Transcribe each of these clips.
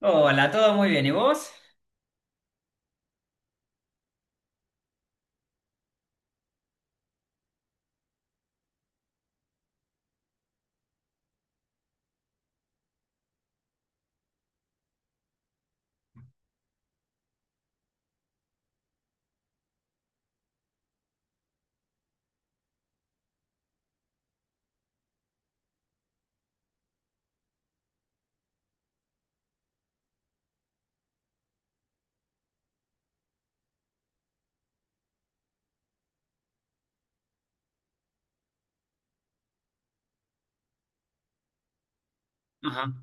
Hola, todo muy bien. ¿Y vos? Ajá.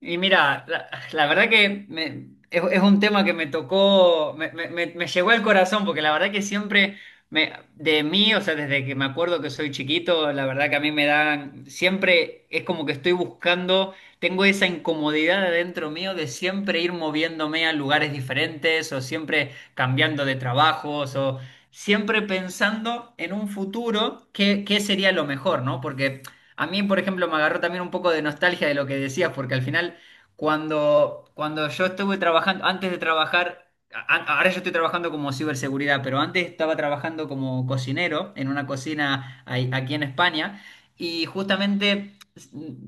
Y mira, la verdad que es un tema que me tocó, me llegó al corazón, porque la verdad que siempre me, de mí, o sea, desde que me acuerdo que soy chiquito, la verdad que a siempre es como que estoy buscando, tengo esa incomodidad adentro mío de siempre ir moviéndome a lugares diferentes o siempre cambiando de trabajos o siempre pensando en un futuro, qué sería lo mejor, ¿no? Porque a mí, por ejemplo, me agarró también un poco de nostalgia de lo que decías, porque al final, cuando yo estuve trabajando, antes de trabajar, ahora yo estoy trabajando como ciberseguridad, pero antes estaba trabajando como cocinero en una cocina aquí en España, y justamente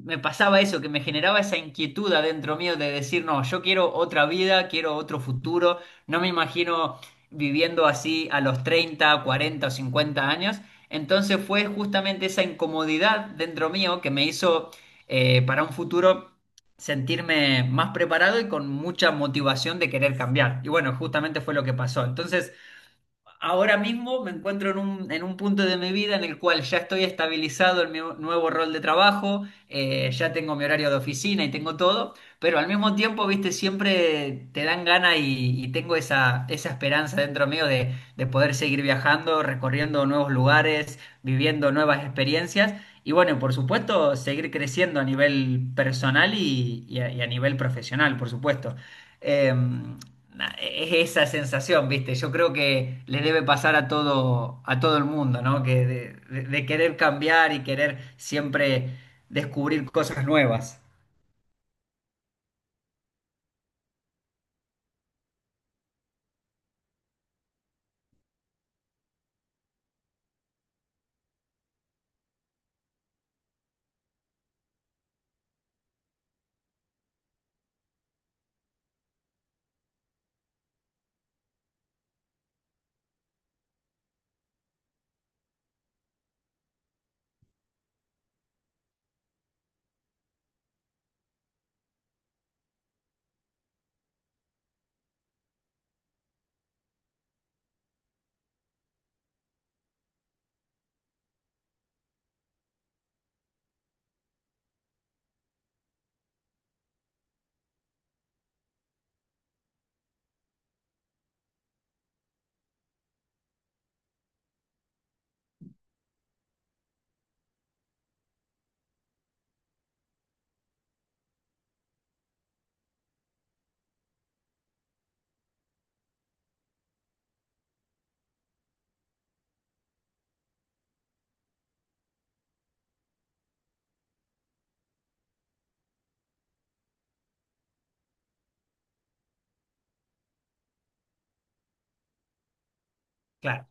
me pasaba eso, que me generaba esa inquietud adentro mío de decir, no, yo quiero otra vida, quiero otro futuro, no me imagino viviendo así a los 30, 40 o 50 años. Entonces fue justamente esa incomodidad dentro mío que me hizo para un futuro sentirme más preparado y con mucha motivación de querer cambiar. Y bueno, justamente fue lo que pasó. Entonces, ahora mismo me encuentro en en un punto de mi vida en el cual ya estoy estabilizado en mi nuevo rol de trabajo, ya tengo mi horario de oficina y tengo todo, pero al mismo tiempo, viste, siempre te dan ganas y tengo esa esperanza dentro mío de poder seguir viajando, recorriendo nuevos lugares, viviendo nuevas experiencias y bueno, y por supuesto, seguir creciendo a nivel personal y a nivel profesional, por supuesto. Eh, es esa sensación, ¿viste? Yo creo que le debe pasar a todo el mundo, ¿no? Que de querer cambiar y querer siempre descubrir cosas nuevas. Claro.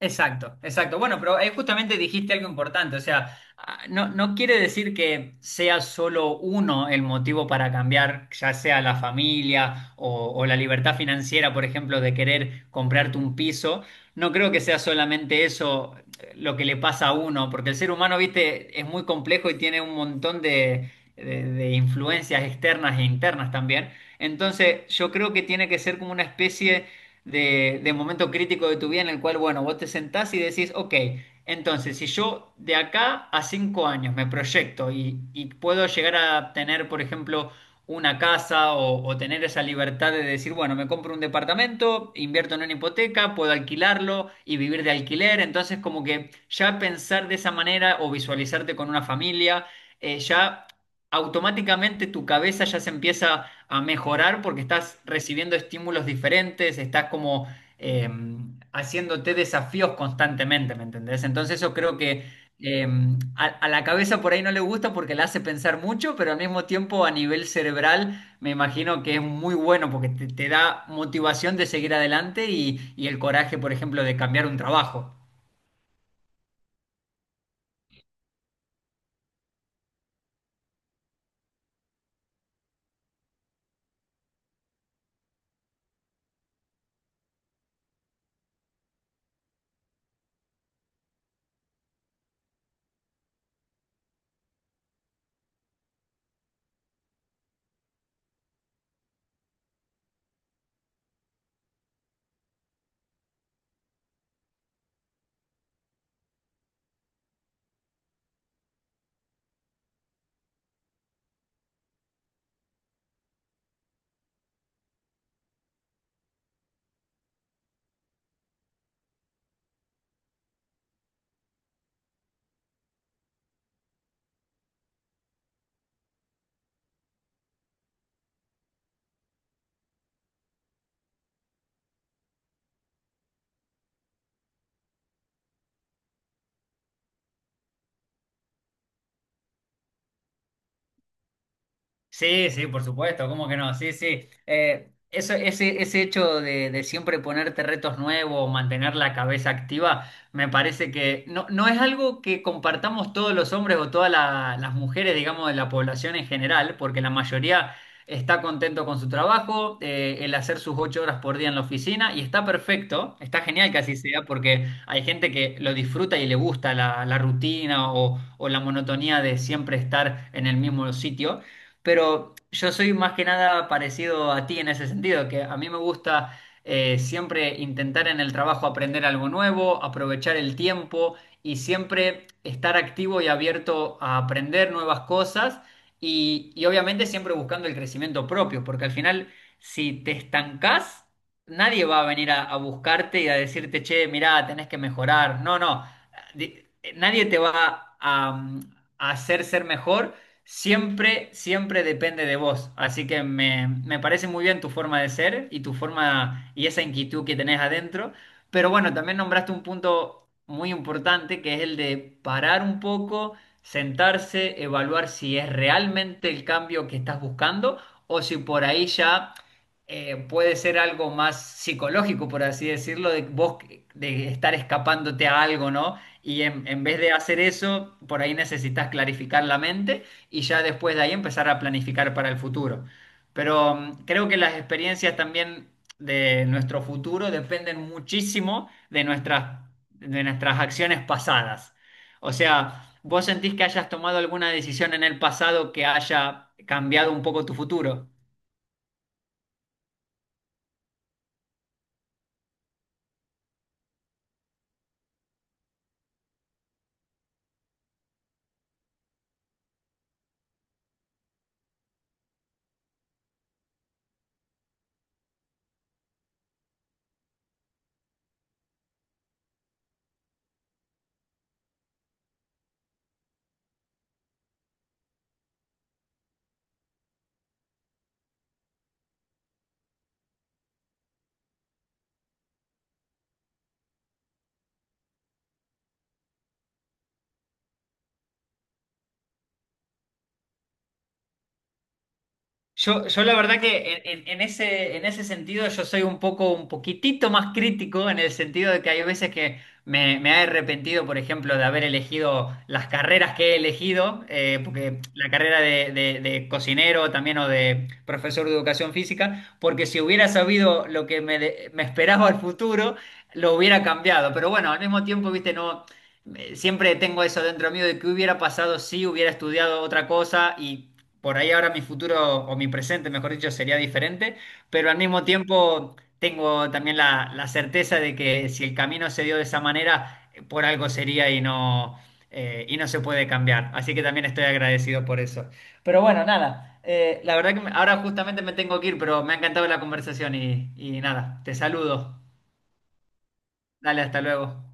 Exacto, exacto. Bueno, pero justamente dijiste algo importante, o sea, ah, no, no quiere decir que sea solo uno el motivo para cambiar, ya sea la familia o la libertad financiera, por ejemplo, de querer comprarte un piso. No creo que sea solamente eso lo que le pasa a uno, porque el ser humano, viste, es muy complejo y tiene un montón de influencias externas e internas también. Entonces, yo creo que tiene que ser como una especie de momento crítico de tu vida en el cual, bueno, vos te sentás y decís, ok, entonces si yo de acá a 5 años me proyecto y puedo llegar a tener, por ejemplo, una casa o tener esa libertad de decir, bueno, me compro un departamento, invierto en una hipoteca, puedo alquilarlo y vivir de alquiler, entonces como que ya pensar de esa manera o visualizarte con una familia, ya automáticamente tu cabeza ya se empieza a mejorar porque estás recibiendo estímulos diferentes, estás como eh, haciéndote desafíos constantemente, ¿me entendés? Entonces yo creo que eh, a la cabeza por ahí no le gusta porque la hace pensar mucho, pero al mismo tiempo a nivel cerebral me imagino que es muy bueno porque te da motivación de seguir adelante y el coraje, por ejemplo, de cambiar un trabajo. Sí, sí, por supuesto, ¿cómo que no? Sí, sí. Eso, ese hecho de siempre ponerte retos nuevos, mantener la cabeza activa, me parece que no, no es algo que compartamos todos los hombres o todas las mujeres, digamos, de la población en general, porque la mayoría está contento con su trabajo, el hacer sus 8 horas por día en la oficina, y está perfecto, está genial que así sea, porque hay gente que lo disfruta y le gusta la rutina o la monotonía de siempre estar en el mismo sitio pero yo soy más que nada parecido a ti en ese sentido, que a mí me gusta siempre intentar en el trabajo aprender algo nuevo, aprovechar el tiempo y siempre estar activo y abierto a aprender nuevas cosas y obviamente siempre buscando el crecimiento propio, porque al final si te estancás, nadie va a venir a buscarte y a decirte, che, mirá, tenés que mejorar. No, no, Di- nadie te va a hacer ser mejor. Siempre, siempre depende de vos. Así que me parece muy bien tu forma de ser y tu forma y esa inquietud que tenés adentro. Pero bueno, también nombraste un punto muy importante que es el de parar un poco, sentarse, evaluar si es realmente el cambio que estás buscando o si por ahí ya puede ser algo más psicológico, por así decirlo, de vos de estar escapándote a algo, ¿no? Y en vez de hacer eso, por ahí necesitas clarificar la mente y ya después de ahí empezar a planificar para el futuro. Pero mm, creo que las experiencias también de nuestro futuro dependen muchísimo de nuestras acciones pasadas. O sea, ¿vos sentís que hayas tomado alguna decisión en el pasado que haya cambiado un poco tu futuro? Yo la verdad que en ese sentido yo soy un poco, un poquitito más crítico en el sentido de que hay veces que me he arrepentido, por ejemplo, de haber elegido las carreras que he elegido, porque la carrera de cocinero también o de profesor de educación física, porque si hubiera sabido lo que me esperaba al futuro, lo hubiera cambiado. Pero bueno, al mismo tiempo, viste, no... Siempre tengo eso dentro mío de que hubiera pasado si hubiera estudiado otra cosa y por ahí ahora mi futuro o mi presente, mejor dicho, sería diferente, pero al mismo tiempo tengo también la certeza de que si el camino se dio de esa manera, por algo sería y y no se puede cambiar. Así que también estoy agradecido por eso. Pero bueno, nada, la verdad que me- ahora justamente me tengo que ir, pero me ha encantado la conversación y nada, te saludo. Dale, hasta luego.